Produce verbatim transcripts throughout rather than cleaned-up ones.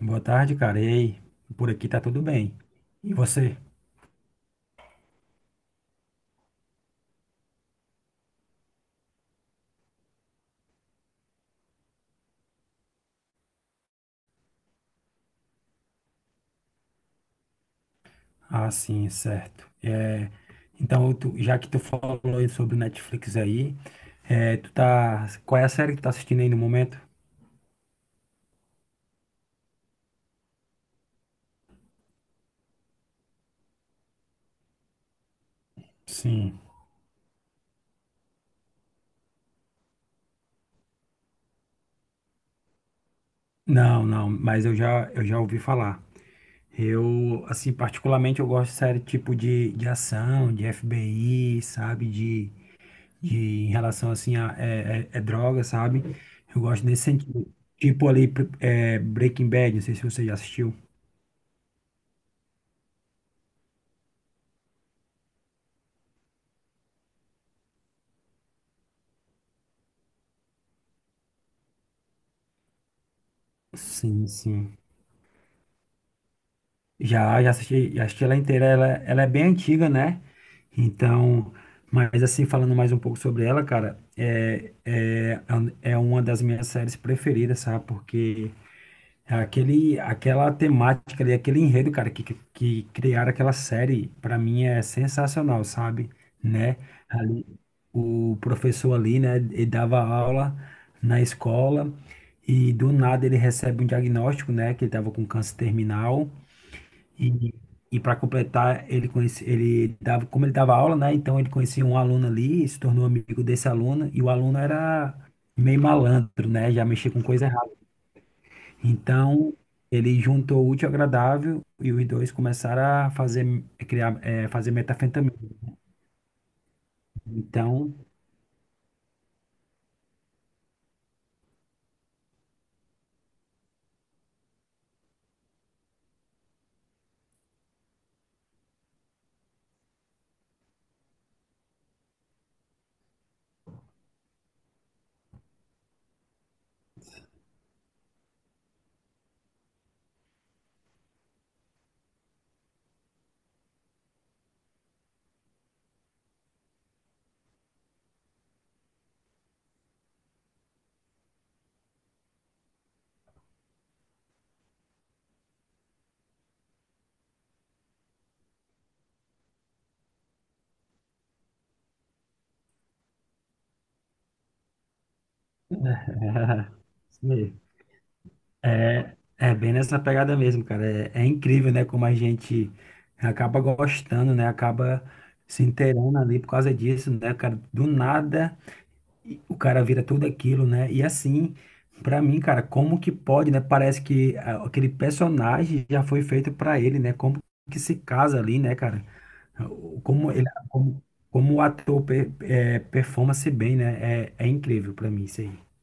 Boa tarde, cara. E aí? Por aqui tá tudo bem. E você? Ah, sim, certo. É, então, tu- já que tu falou aí sobre o Netflix aí, é, tu tá, qual é a série que tu tá assistindo aí no momento? Sim. Não, não, mas eu já, eu já ouvi falar. Eu, assim, particularmente eu gosto de série tipo de, de ação, de F B I, sabe? De, de em relação, assim, a é, é, é droga, sabe? Eu gosto nesse sentido. Tipo ali, é, Breaking Bad, não sei se você já assistiu. Sim, sim. Já, já assisti, já assisti ela inteira. Ela, ela é bem antiga, né? Então, mas assim, falando mais um pouco sobre ela, cara, é, é, é uma das minhas séries preferidas, sabe? Porque é Aquele, aquela temática ali, aquele enredo, cara, que, que, que criaram aquela série, pra mim é sensacional, sabe? Né? Ali, o professor ali, né, ele dava aula na escola e do nada ele recebe um diagnóstico, né, que ele tava com câncer terminal e, e para completar, ele conhece, ele dava, como ele dava aula, né, então ele conhecia um aluno ali, se tornou amigo desse aluno e o aluno era meio malandro, né, já mexia com coisa. Então, ele juntou o útil ao agradável e os dois começaram a fazer, a criar, é, fazer metanfetamina. Então, isso mesmo. É, é bem nessa pegada mesmo, cara. É, é incrível, né? Como a gente acaba gostando, né? Acaba se inteirando ali por causa disso, né, cara? Do nada. E o cara vira tudo aquilo, né? E assim, pra mim, cara, como que pode, né? Parece que ah, aquele personagem já foi feito pra ele, né? Como que se casa ali, né, cara? O- Como ele, como, como o ator per, é, performa-se bem, né? É, é incrível pra mim isso aí.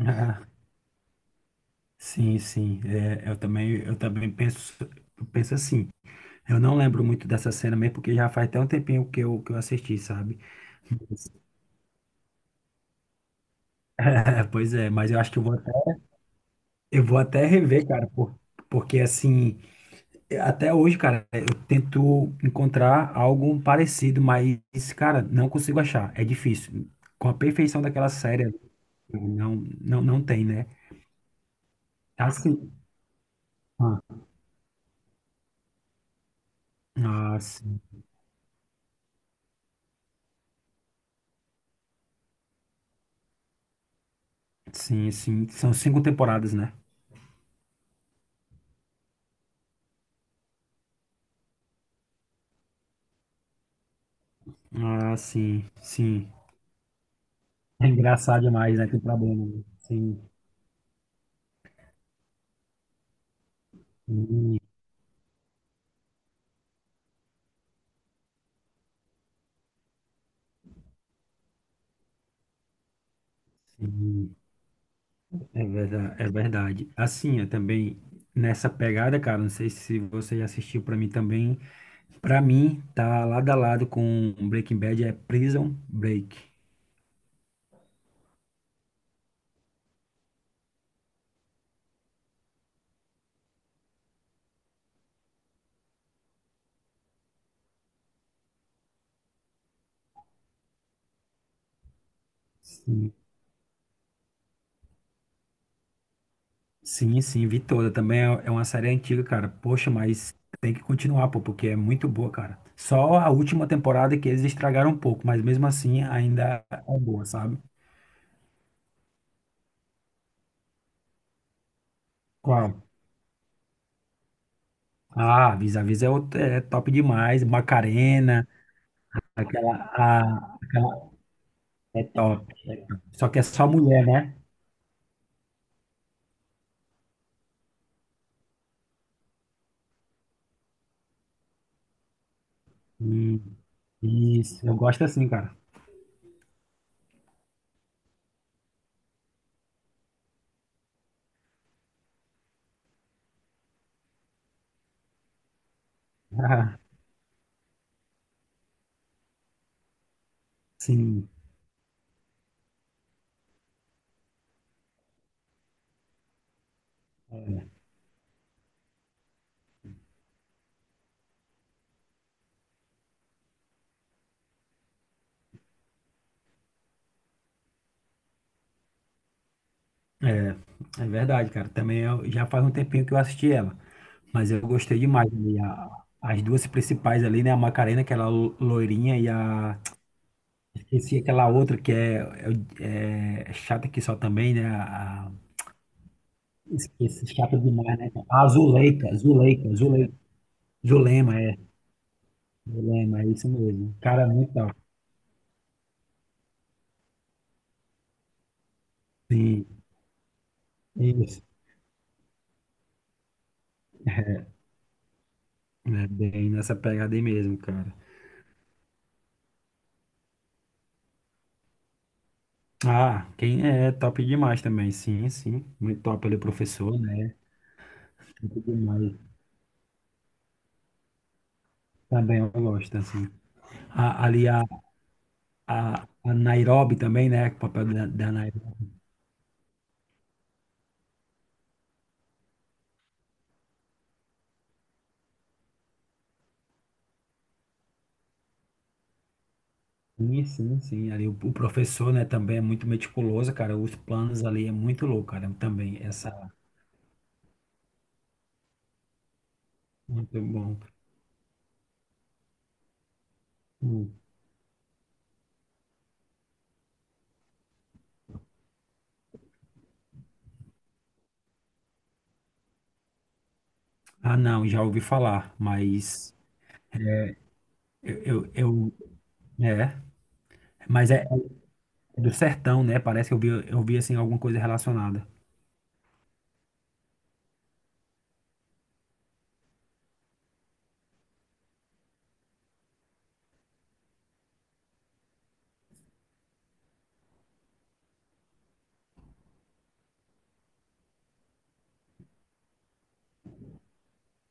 Ah, sim, sim. É, eu também, eu também penso, eu penso assim. Eu não lembro muito dessa cena mesmo, porque já faz até um tempinho que eu, que eu assisti, sabe? Pois é, mas eu acho que eu vou Eu vou até rever, cara, por- porque assim, até hoje, cara, eu tento encontrar algo parecido, mas, cara, não consigo achar. É difícil. Com a perfeição daquela série, não, não, não tem, né? Assim. Ah, ah, sim, sim, sim. São cinco temporadas, né? Ah, sim, sim. É engraçado demais, né? Tem problema, né? Sim, sim. É verdade, é verdade. Assim, eu também, nessa pegada, cara, não sei se você já assistiu pra mim também. Pra mim, tá lado a lado com Breaking Bad é Prison Break. Sim. Sim, sim, vi toda. Também é é uma série antiga, cara. Poxa, mas tem que continuar, pô, porque é muito boa, cara. Só a última temporada que eles estragaram um pouco, mas mesmo assim ainda é boa, sabe? Qual? Ah, Vis-a-Vis é, outro- é top demais. Macarena, aquela, a- aquela é top. É top. Só que é só mulher, né? E- isso, eu gosto assim, cara. Sim. É. É verdade, cara. Também eu- já faz um tempinho que eu assisti ela, mas eu gostei demais, né? E a- as duas principais ali, né? A Macarena, aquela lo- loirinha, e a. Esqueci aquela outra que é, é, é chata que só também, né? A, a- esqueci, chata demais, né? A Zuleika, Zuleika, Zuleika. Zulema, é. Zulema, é isso mesmo. Cara, muito da hora. Sim, isso. É bem nessa pegada aí mesmo, cara. Ah, quem é é top demais também. Sim, sim. Muito top ele, professor, né? Top demais. Também eu gosto, assim. A- ali a, a, a Nairobi também, né? O papel da, da Nairobi. Sim, sim, sim. Ali o, o professor, né, também é muito meticuloso, cara. Os planos ali é muito louco, cara. Também, essa, muito bom. Hum. Ah, não, já ouvi falar, mas eu, eu, eu é. Mas é, é do sertão, né? Parece que eu vi, eu vi, assim, alguma coisa relacionada.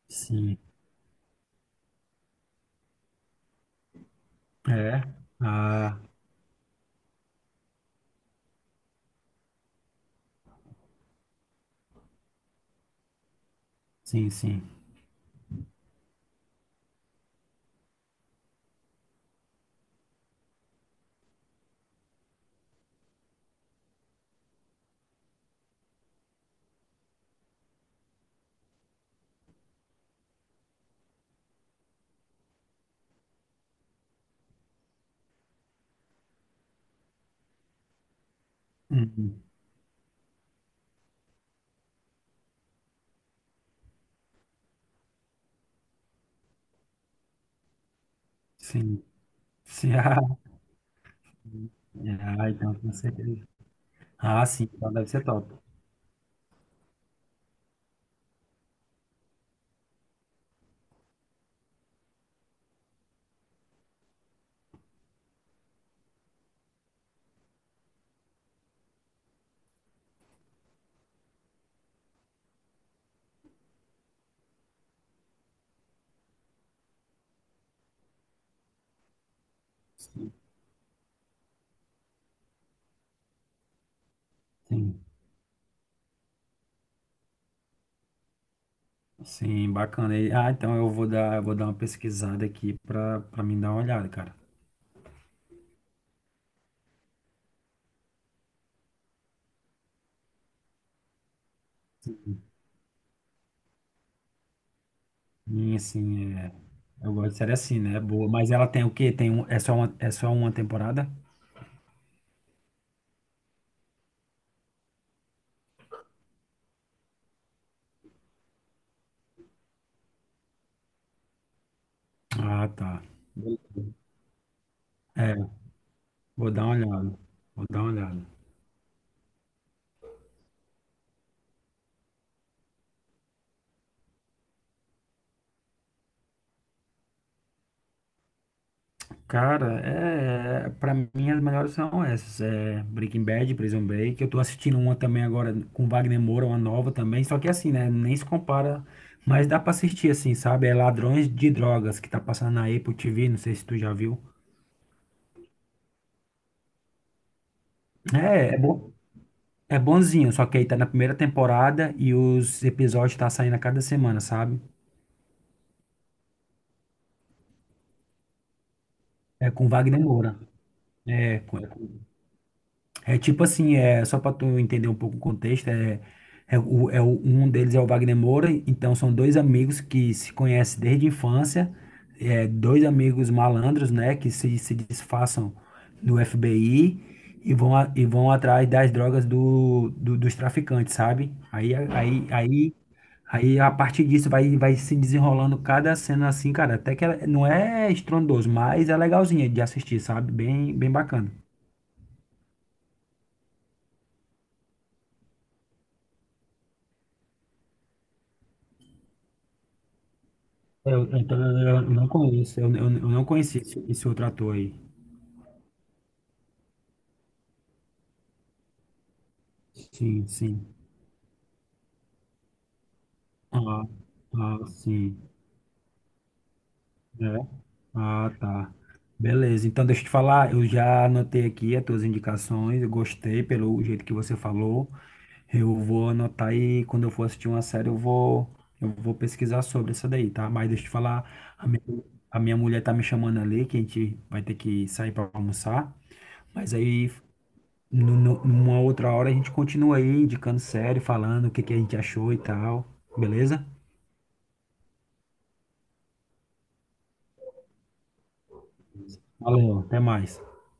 Sim, é. Ah, sim, sim. Uhum. Sim, sim. Ah, então, com certeza. Ah, sim, então deve ser top. Sim, sim, Sim, bacana. E- Ah, então eu vou dar, eu vou dar uma pesquisada aqui pra, pra mim dar uma olhada, cara. E assim, é, eu gosto de série assim, né? É boa. Mas ela tem o quê? Tem um, é só uma, é só uma temporada? Ah, tá. É, vou dar uma olhada. Vou dar uma olhada. Cara, é, para mim as melhores são essas, é Breaking Bad, Prison Break. Eu tô assistindo uma também agora com Wagner Moura, uma nova também, só que assim, né, nem se compara, mas dá pra assistir assim, sabe? É Ladrões de Drogas que tá passando na Apple T V, não sei se tu já viu. É, é bom, é bonzinho, só que aí tá na primeira temporada e os episódios tá saindo a cada semana, sabe? É com Wagner Moura. É, É tipo assim, é só para tu entender um pouco o contexto, é, é, o, é o- um deles é o Wagner Moura, então são dois amigos que se conhecem desde a infância, é, dois amigos malandros, né, que se, se disfarçam do F B I e vão, a- e vão atrás das drogas do, do- dos traficantes, sabe? Aí, a- aí, aí, aí a partir disso vai, vai se desenrolando cada cena assim, cara, até que ela não é estrondoso, mas é legalzinha de assistir, sabe? Bem, bem bacana. Eu, então, eu, eu não conheço, eu, eu, eu não conheci esse, esse outro ator aí. Sim, sim. Ah, ah, sim. É. Ah, tá. Beleza. Então, deixa eu te falar, eu já anotei aqui as tuas indicações, eu gostei pelo jeito que você falou. Eu vou anotar e quando eu for assistir uma série, eu vou, eu vou pesquisar sobre essa daí, tá? Mas deixa eu te falar, a minha, a minha, mulher tá me chamando ali, que a gente vai ter que sair para almoçar. Mas aí nu- nu- numa outra hora a gente continua aí indicando série, falando o que que a gente achou e tal. Beleza? Valeu, até mais.